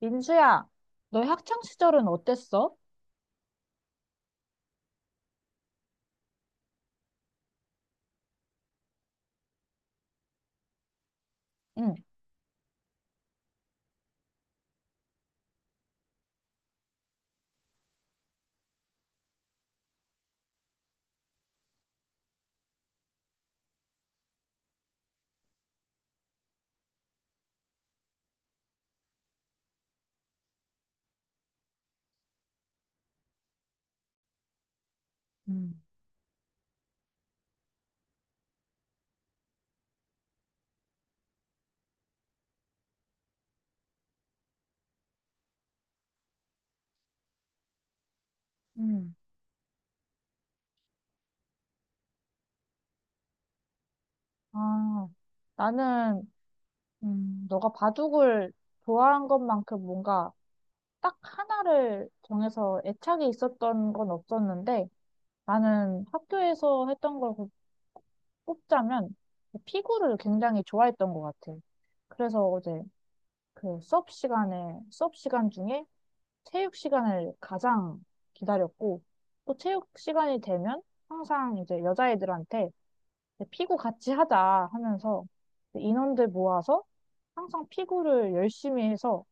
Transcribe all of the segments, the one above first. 민수야, 너의 학창 시절은 어땠어? 응, 음. 음. 아, 나는 너가 바둑을 좋아한 것만큼 뭔가 딱 하나를 정해서 애착이 있었던 건 없었는데, 나는 학교에서 했던 걸 꼽자면 피구를 굉장히 좋아했던 것 같아. 그래서 어제 그 수업 시간 중에 체육 시간을 가장 기다렸고, 또 체육 시간이 되면 항상 이제 여자애들한테 피구 같이 하자 하면서 인원들 모아서 항상 피구를 열심히 해서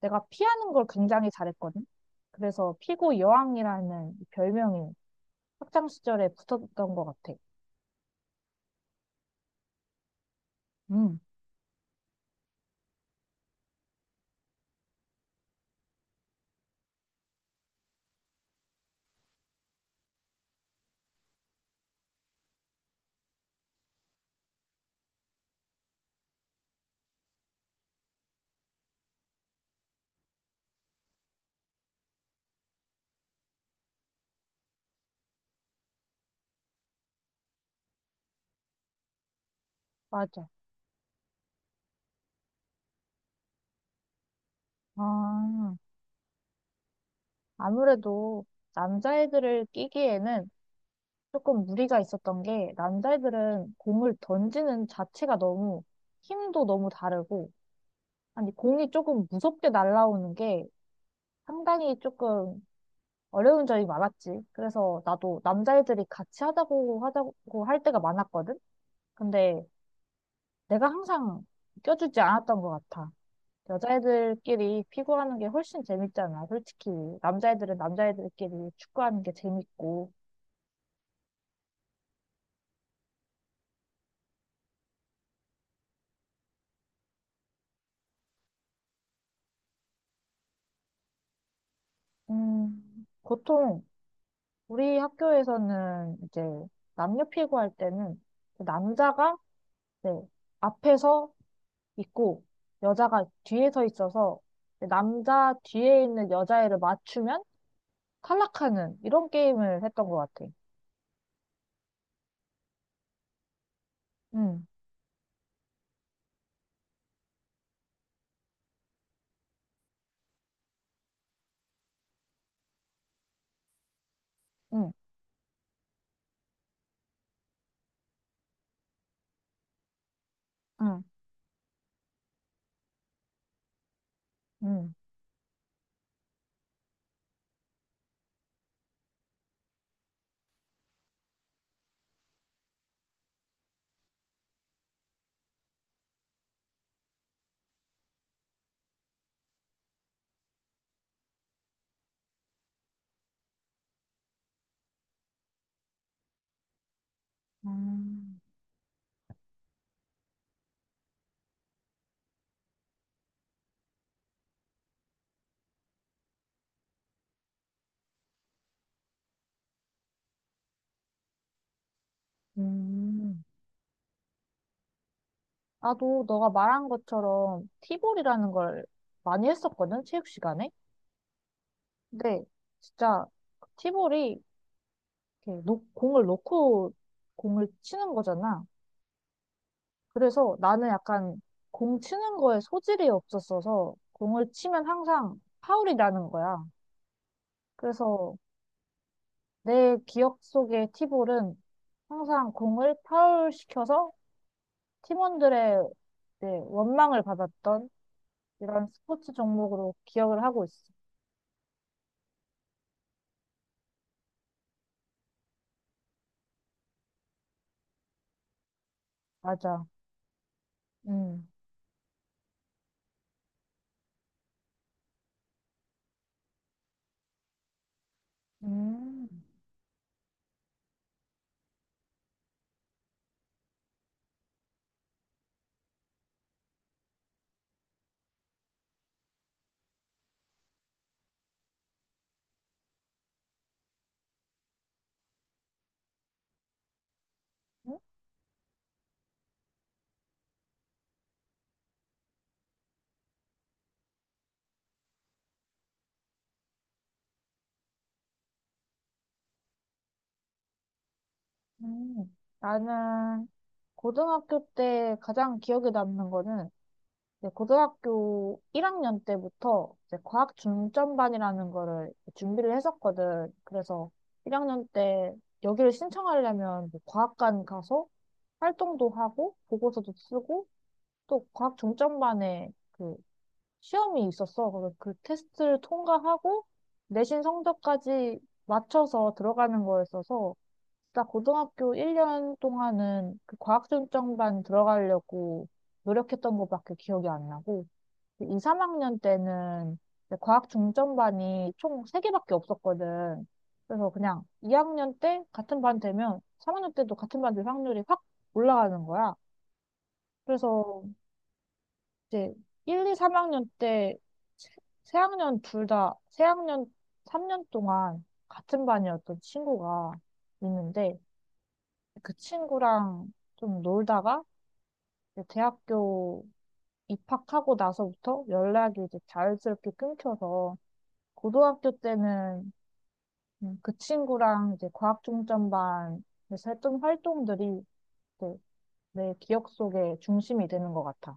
내가 피하는 걸 굉장히 잘했거든. 그래서 피구 여왕이라는 별명이 학창 시절에 붙었던 것 같아. 음, 맞아. 아, 아무래도 남자애들을 끼기에는 조금 무리가 있었던 게, 남자애들은 공을 던지는 자체가 너무 힘도 너무 다르고, 아니 공이 조금 무섭게 날아오는 게 상당히 조금 어려운 점이 많았지. 그래서 나도 남자애들이 같이 하자고 할 때가 많았거든. 근데 내가 항상 껴주지 않았던 것 같아. 여자애들끼리 피구하는 게 훨씬 재밌잖아, 솔직히. 남자애들은 남자애들끼리 축구하는 게 재밌고. 보통 우리 학교에서는 이제 남녀 피구할 때는 그 남자가, 네, 앞에서 있고 여자가 뒤에 서 있어서, 네, 남자 뒤에 있는 여자애를 맞추면 탈락하는 이런 게임을 했던 것 같아. 응, 응, 응, 응. 음, 음. 나도 너가 말한 것처럼 티볼이라는 걸 많이 했었거든, 체육 시간에. 근데 진짜 티볼이 이렇게 공을 놓고 공을 치는 거잖아. 그래서 나는 약간 공 치는 거에 소질이 없었어서 공을 치면 항상 파울이 나는 거야. 그래서 내 기억 속의 티볼은 항상 공을 파울시켜서 팀원들의 이제 원망을 받았던 이런 스포츠 종목으로 기억을 하고 있어. 맞아. 음. 음. 음. 음. 나는 고등학교 때 가장 기억에 남는 거는, 네, 고등학교 1학년 때부터 이제 과학 중점반이라는 거를 준비를 했었거든. 그래서 1학년 때 여기를 신청하려면 뭐 과학관 가서 활동도 하고 보고서도 쓰고 또 과학 중점반에 그 시험이 있었어. 그래서 그 테스트를 통과하고 내신 성적까지 맞춰서 들어가는 거였어서 진짜 고등학교 1년 동안은 그 과학 중점반 들어가려고 노력했던 것밖에 기억이 안 나고, 2, 3학년 때는 이제 과학 중점반이 총 3개밖에 없었거든. 그래서 그냥 2학년 때 같은 반 되면 3학년 때도 같은 반 될 확률이 확 올라가는 거야. 그래서 이제 1, 2, 3학년 때 세, 세 학년 3년 동안 같은 반이었던 친구가 있는데, 그 친구랑 좀 놀다가 이제 대학교 입학하고 나서부터 연락이 이제 자연스럽게 끊겨서, 고등학교 때는 그 친구랑 이제 과학중점반에서 했던 활동들이 내 기억 속에 중심이 되는 것 같아.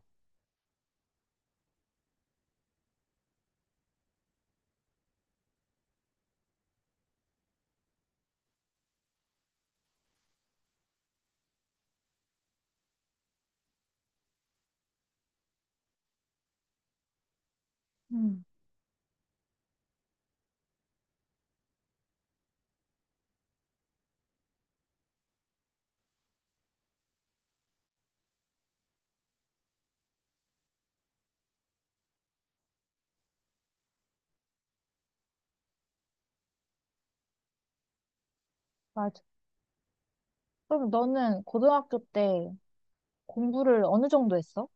음. 맞아. 그럼 너는 고등학교 때 공부를 어느 정도 했어?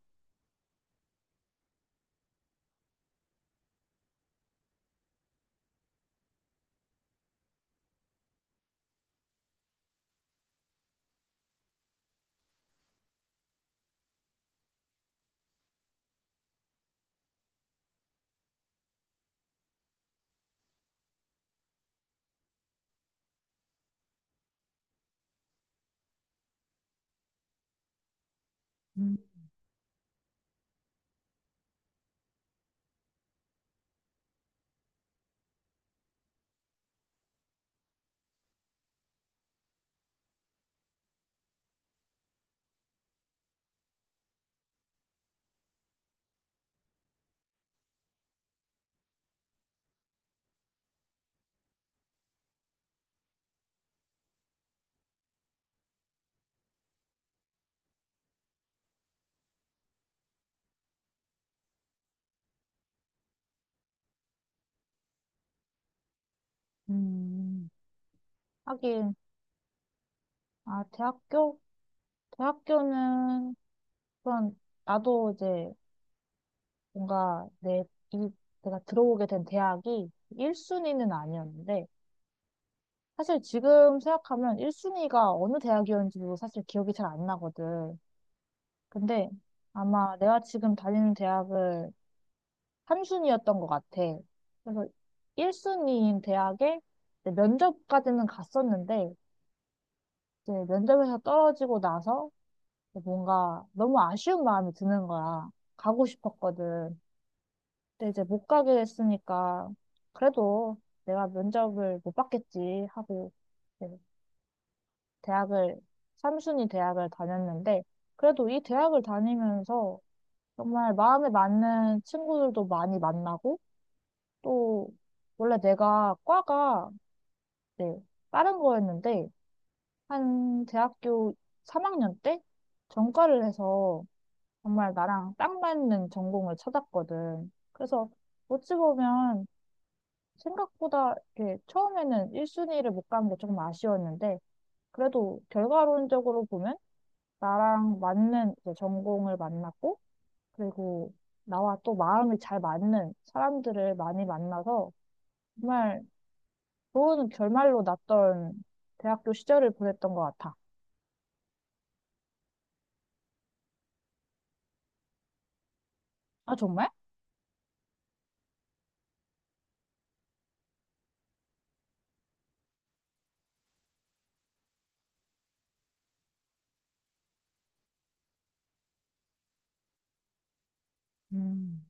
음, 음, 하긴, 아, 대학교? 대학교는, 그런, 나도 이제 뭔가 이, 내가 들어오게 된 대학이 1순위는 아니었는데, 사실 지금 생각하면 1순위가 어느 대학이었는지도 사실 기억이 잘 안 나거든. 근데 아마 내가 지금 다니는 대학을 한순위였던 것 같아. 그래서 1순위인 대학에 이제 면접까지는 갔었는데, 이제 면접에서 떨어지고 나서 뭔가 너무 아쉬운 마음이 드는 거야. 가고 싶었거든. 근데 이제 못 가게 됐으니까, 그래도 내가 면접을 못 받겠지 하고 대학을, 삼순위 대학을 다녔는데, 그래도 이 대학을 다니면서 정말 마음에 맞는 친구들도 많이 만나고, 또, 원래 내가 과가, 네, 다른 거였는데, 한 대학교 3학년 때 전과를 해서 정말 나랑 딱 맞는 전공을 찾았거든. 그래서 어찌 보면 생각보다 이렇게 처음에는 1순위를 못 간 게 조금 아쉬웠는데, 그래도 결과론적으로 보면 나랑 맞는 이제 전공을 만났고, 그리고 나와 또 마음이 잘 맞는 사람들을 많이 만나서 정말 좋은 결말로 났던 대학교 시절을 보냈던 것 같아. 아, 정말? 음.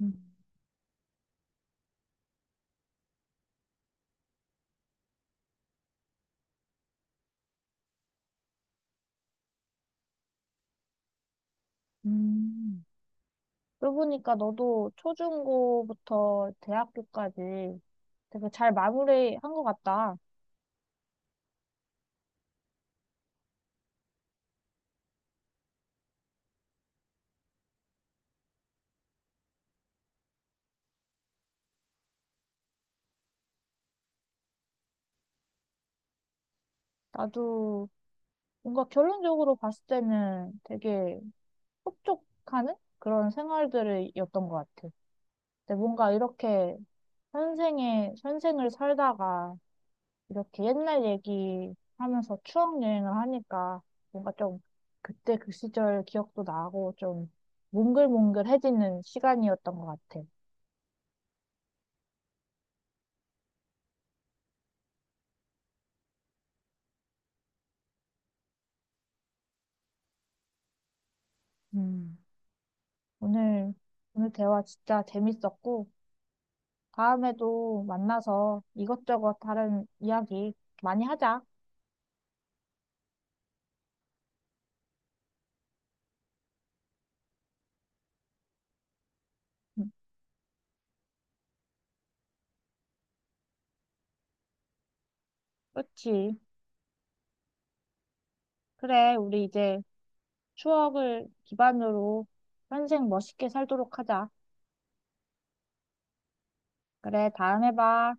음. 음. 그러고 보니까 너도 초중고부터 대학교까지 되게 잘 마무리한 것 같다. 나도 뭔가 결론적으로 봤을 때는 되게 흡족하는 그런 생활들이었던 것 같아. 근데 뭔가 이렇게 현생을 살다가 이렇게 옛날 얘기 하면서 추억 여행을 하니까 뭔가 좀 그때 그 시절 기억도 나고 좀 몽글몽글해지는 시간이었던 것 같아. 음, 오늘, 오늘 대화 진짜 재밌었고, 다음에도 만나서 이것저것 다른 이야기 많이 하자. 음, 그렇지. 그래, 우리 이제 추억을 기반으로 현생 멋있게 살도록 하자. 그래, 다음에 봐.